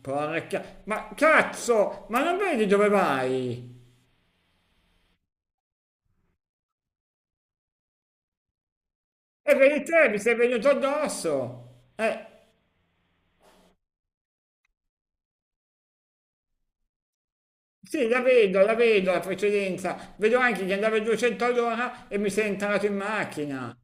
Porca... Ma cazzo! Ma non vedi dove vai? E vedi te, mi sei venuto addosso! Sì, la vedo, la vedo la precedenza. Vedo anche che andava a 200 all'ora e mi sei entrato in macchina.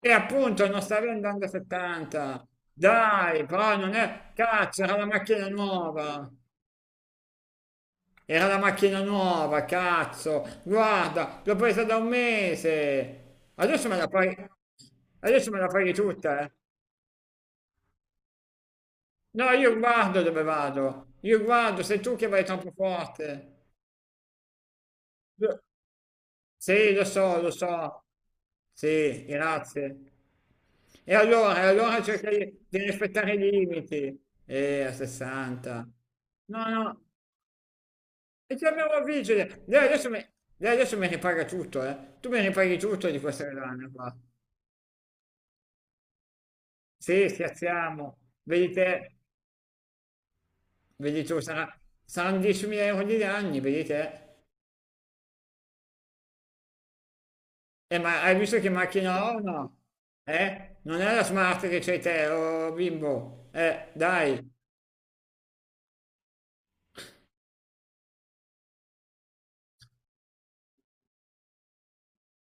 E appunto non stavi andando a 70. Dai, però non è... Cazzo, era la macchina nuova. Era la macchina nuova, cazzo. Guarda, l'ho presa da un mese. Adesso me la fai... Adesso me la fai tutta, eh. No, io guardo dove vado, io guardo, sei tu che vai troppo forte. Lo- Sì, lo so, lo so. Sì, grazie. E allora cerca di rispettare i limiti. A 60. No, no, e ti abbiamo vigile. Lei adesso mi ripaga tutto, eh. Tu mi ripaghi tutto di questa collana qua. Sì, scherziamo. Vedi te, vedi tu, saranno 10.000 euro di danni, vedi te. Ma hai visto che macchina ho? O No. Eh? Non è la smart che c'hai te, oh bimbo. Dai.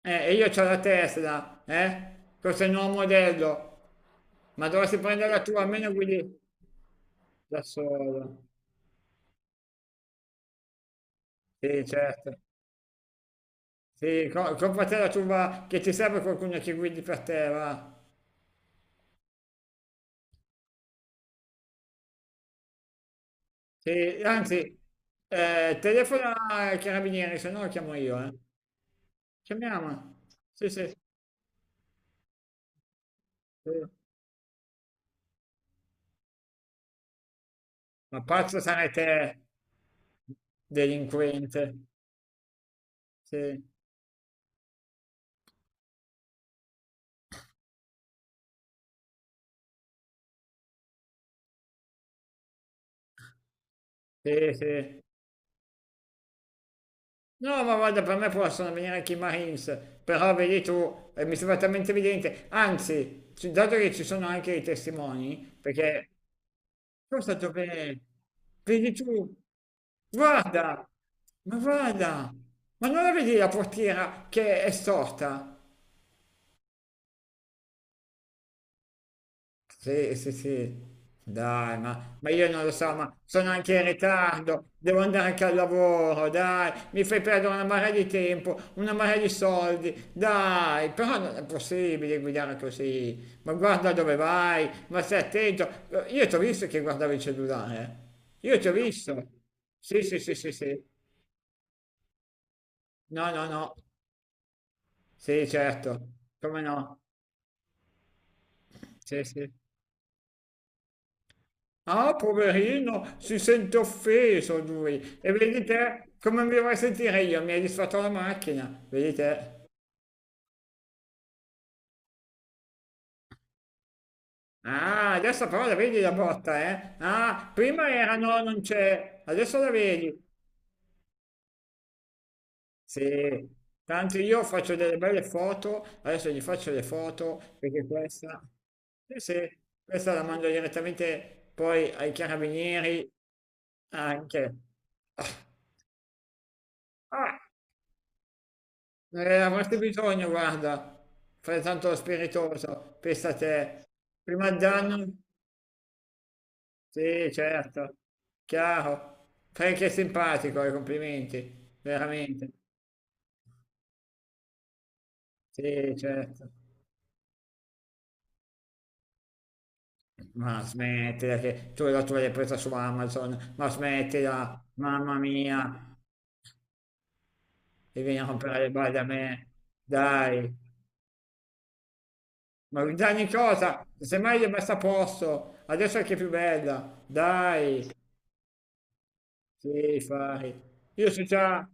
E io c'ho la Tesla, eh? Questo è il nuovo modello. Ma dovresti prendere la tua, almeno guidi da solo. Sì, certo. Sì, compra te la tua, che ti serve qualcuno che guidi per te, va. Sì, anzi, telefona ai carabinieri, se no lo chiamo io, eh. Chiamiamo. Sì, sì, sì. Ma pazzo sarai te. Delinquente, sì, sì, sì. No, ma guarda, per me possono venire anche i Marines, però vedi tu, mi sembra talmente evidente. Anzi, dato che ci sono anche i testimoni, perché cosa dove... Vedi tu, guarda, ma guarda, ma non la vedi la portiera che è storta? Sì, sì, sì, dai, ma io non lo so, ma sono anche in ritardo, devo andare anche al lavoro, dai, mi fai perdere una marea di tempo, una marea di soldi, dai, però non è possibile guidare così, ma guarda dove vai, ma stai attento, io ti ho visto che guardavi il cellulare, eh. Io ti ho visto, sì, sì, sì, sì, sì, no, no, no, sì, certo, come no, sì, sì. Ah, poverino, si sente offeso lui. E vedi te come mi vorrei sentire io? Mi hai disfatto la macchina, vedi te. Ah, adesso però la vedi la botta, eh? Ah, prima era no, non c'è, adesso la vedi. Sì, tanto io faccio delle belle foto, adesso gli faccio le foto perché questa... Sì, sì, questa la mando direttamente poi ai carabinieri anche. Ah, ah, eh, avresti bisogno, guarda, fai tanto lo spiritoso, pensa a te. Prima il danno? Sì, certo, chiaro. Fai che è simpatico, i complimenti, veramente. Sì, certo. Ma smettila che tu la tua l'hai presa su Amazon, ma smettila, mamma mia, e vieni a rompere le balle a me. Dai, ma danni cosa? Semmai le messa a posto, adesso è che è più bella, dai. Sì, fai. Io so già,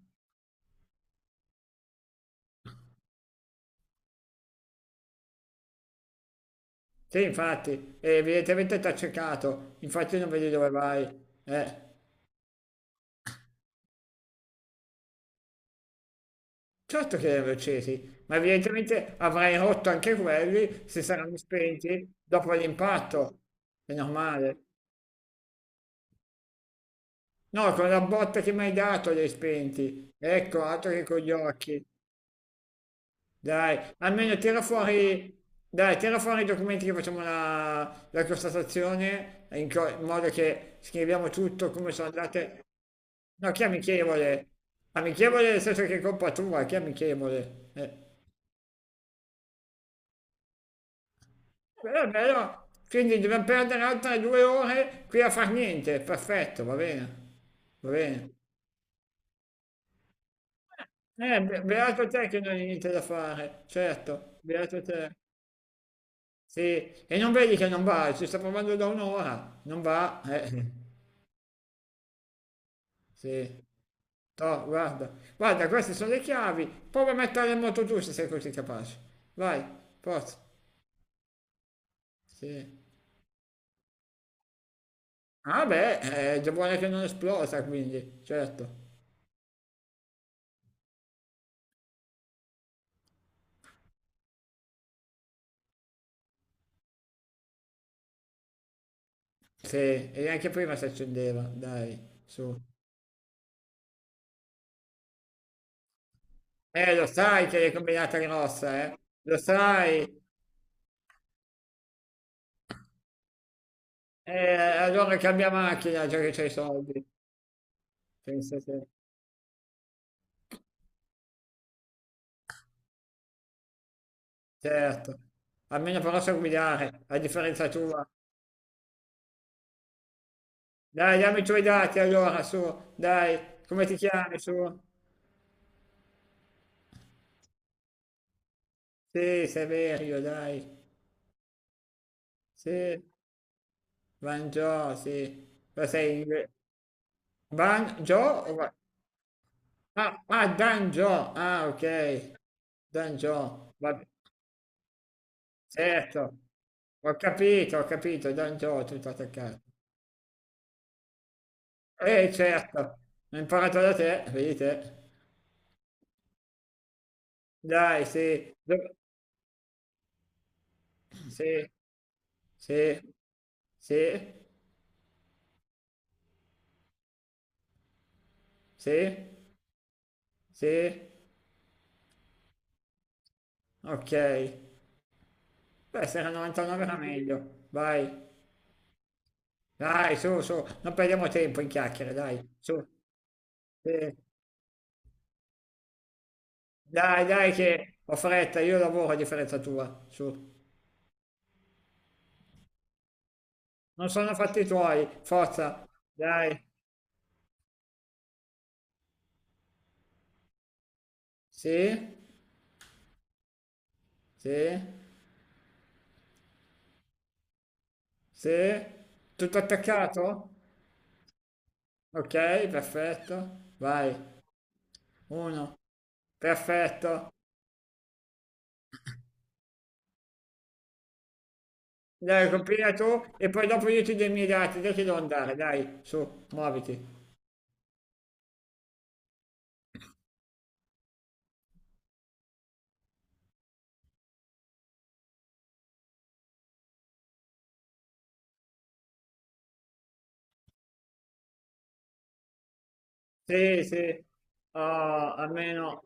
sì, infatti, evidentemente ti ha cercato, infatti non vedi dove vai. Eh, certo che li hanno accesi, ma evidentemente avrai rotto anche quelli se saranno spenti dopo l'impatto. È normale. No, con la botta che mi hai dato li hai spenti. Ecco, altro che con gli occhi. Dai, almeno dai, tira fuori i documenti che facciamo la constatazione, in modo che scriviamo tutto come sono andate. No, chi è amichevole? Amichevole nel senso che è colpa tua, chi è amichevole? Però è bello, quindi dobbiamo perdere altre due ore qui a far niente, perfetto, va bene, va bene. Beato te che non hai niente da fare, certo, beato te. Sì, e non vedi che non va, ci sta provando da un'ora, non va, sì, toh, guarda, guarda, queste sono le chiavi, prova a mettere in moto tu se sei così capace, vai, forza, sì. Ah beh, è già buona che non esplosa quindi, certo, sì, e anche prima si accendeva, dai, su. Lo sai che l'hai combinata grossa, lo sai, allora cambia macchina già che c'hai i soldi, pensa te. Certo, almeno però so guidare, a differenza tua. Dai, dammi i tuoi dati allora, su, dai, come ti chiami, su? Sì, Severio, dai. Sì, Banjo, sì. Ma sei in... Banjo? o Va- Ah, ah, Danjo, ah, ok. Danjo, vabbè, certo. Ho capito, Danjo, tutto attaccato. Certo, ho imparato da te, vedi te. Dai, sì, sì, sì. Sì, sì, sì, ok. Beh, se era 99 era meglio. Vai, dai, su, su, non perdiamo tempo in chiacchiere, dai, su. Sì. Dai, dai, che ho fretta, io lavoro a differenza tua, su. Non sono fatti i tuoi, forza, dai. Sì, sì, sì. Tutto attaccato? Ok, perfetto. Vai, uno, perfetto. Dai, compila tu e poi dopo io ti do i miei dati, dai che devo andare, dai, su, muoviti. Sì, sì, ah, almeno...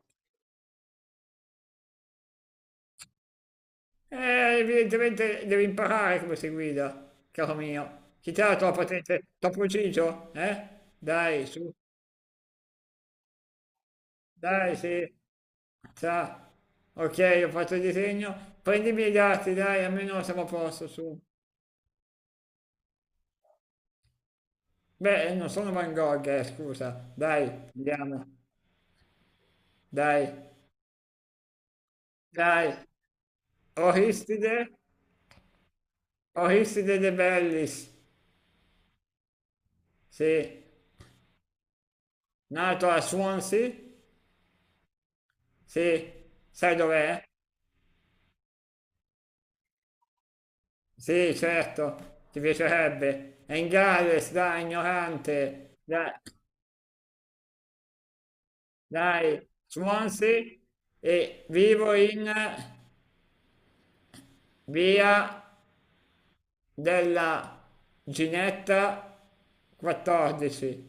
Evidentemente devi imparare come si guida, caro mio. Chi te la tua patente? T'ho ucciso? Eh? Dai, su, dai, sì. Sa. Ok, ho fatto il disegno. Prendi i miei dati, dai, almeno siamo a posto, su. Beh, non sono Van Gogh, scusa. Dai, andiamo. Dai, dai. Oristide? Aristide De Bellis, sì, nato a Swansea, sì, sai dov'è? Sì, certo, ti piacerebbe. È in Galles, dai, ignorante, dai, dai, Swansea e vivo in via della Ginetta 14.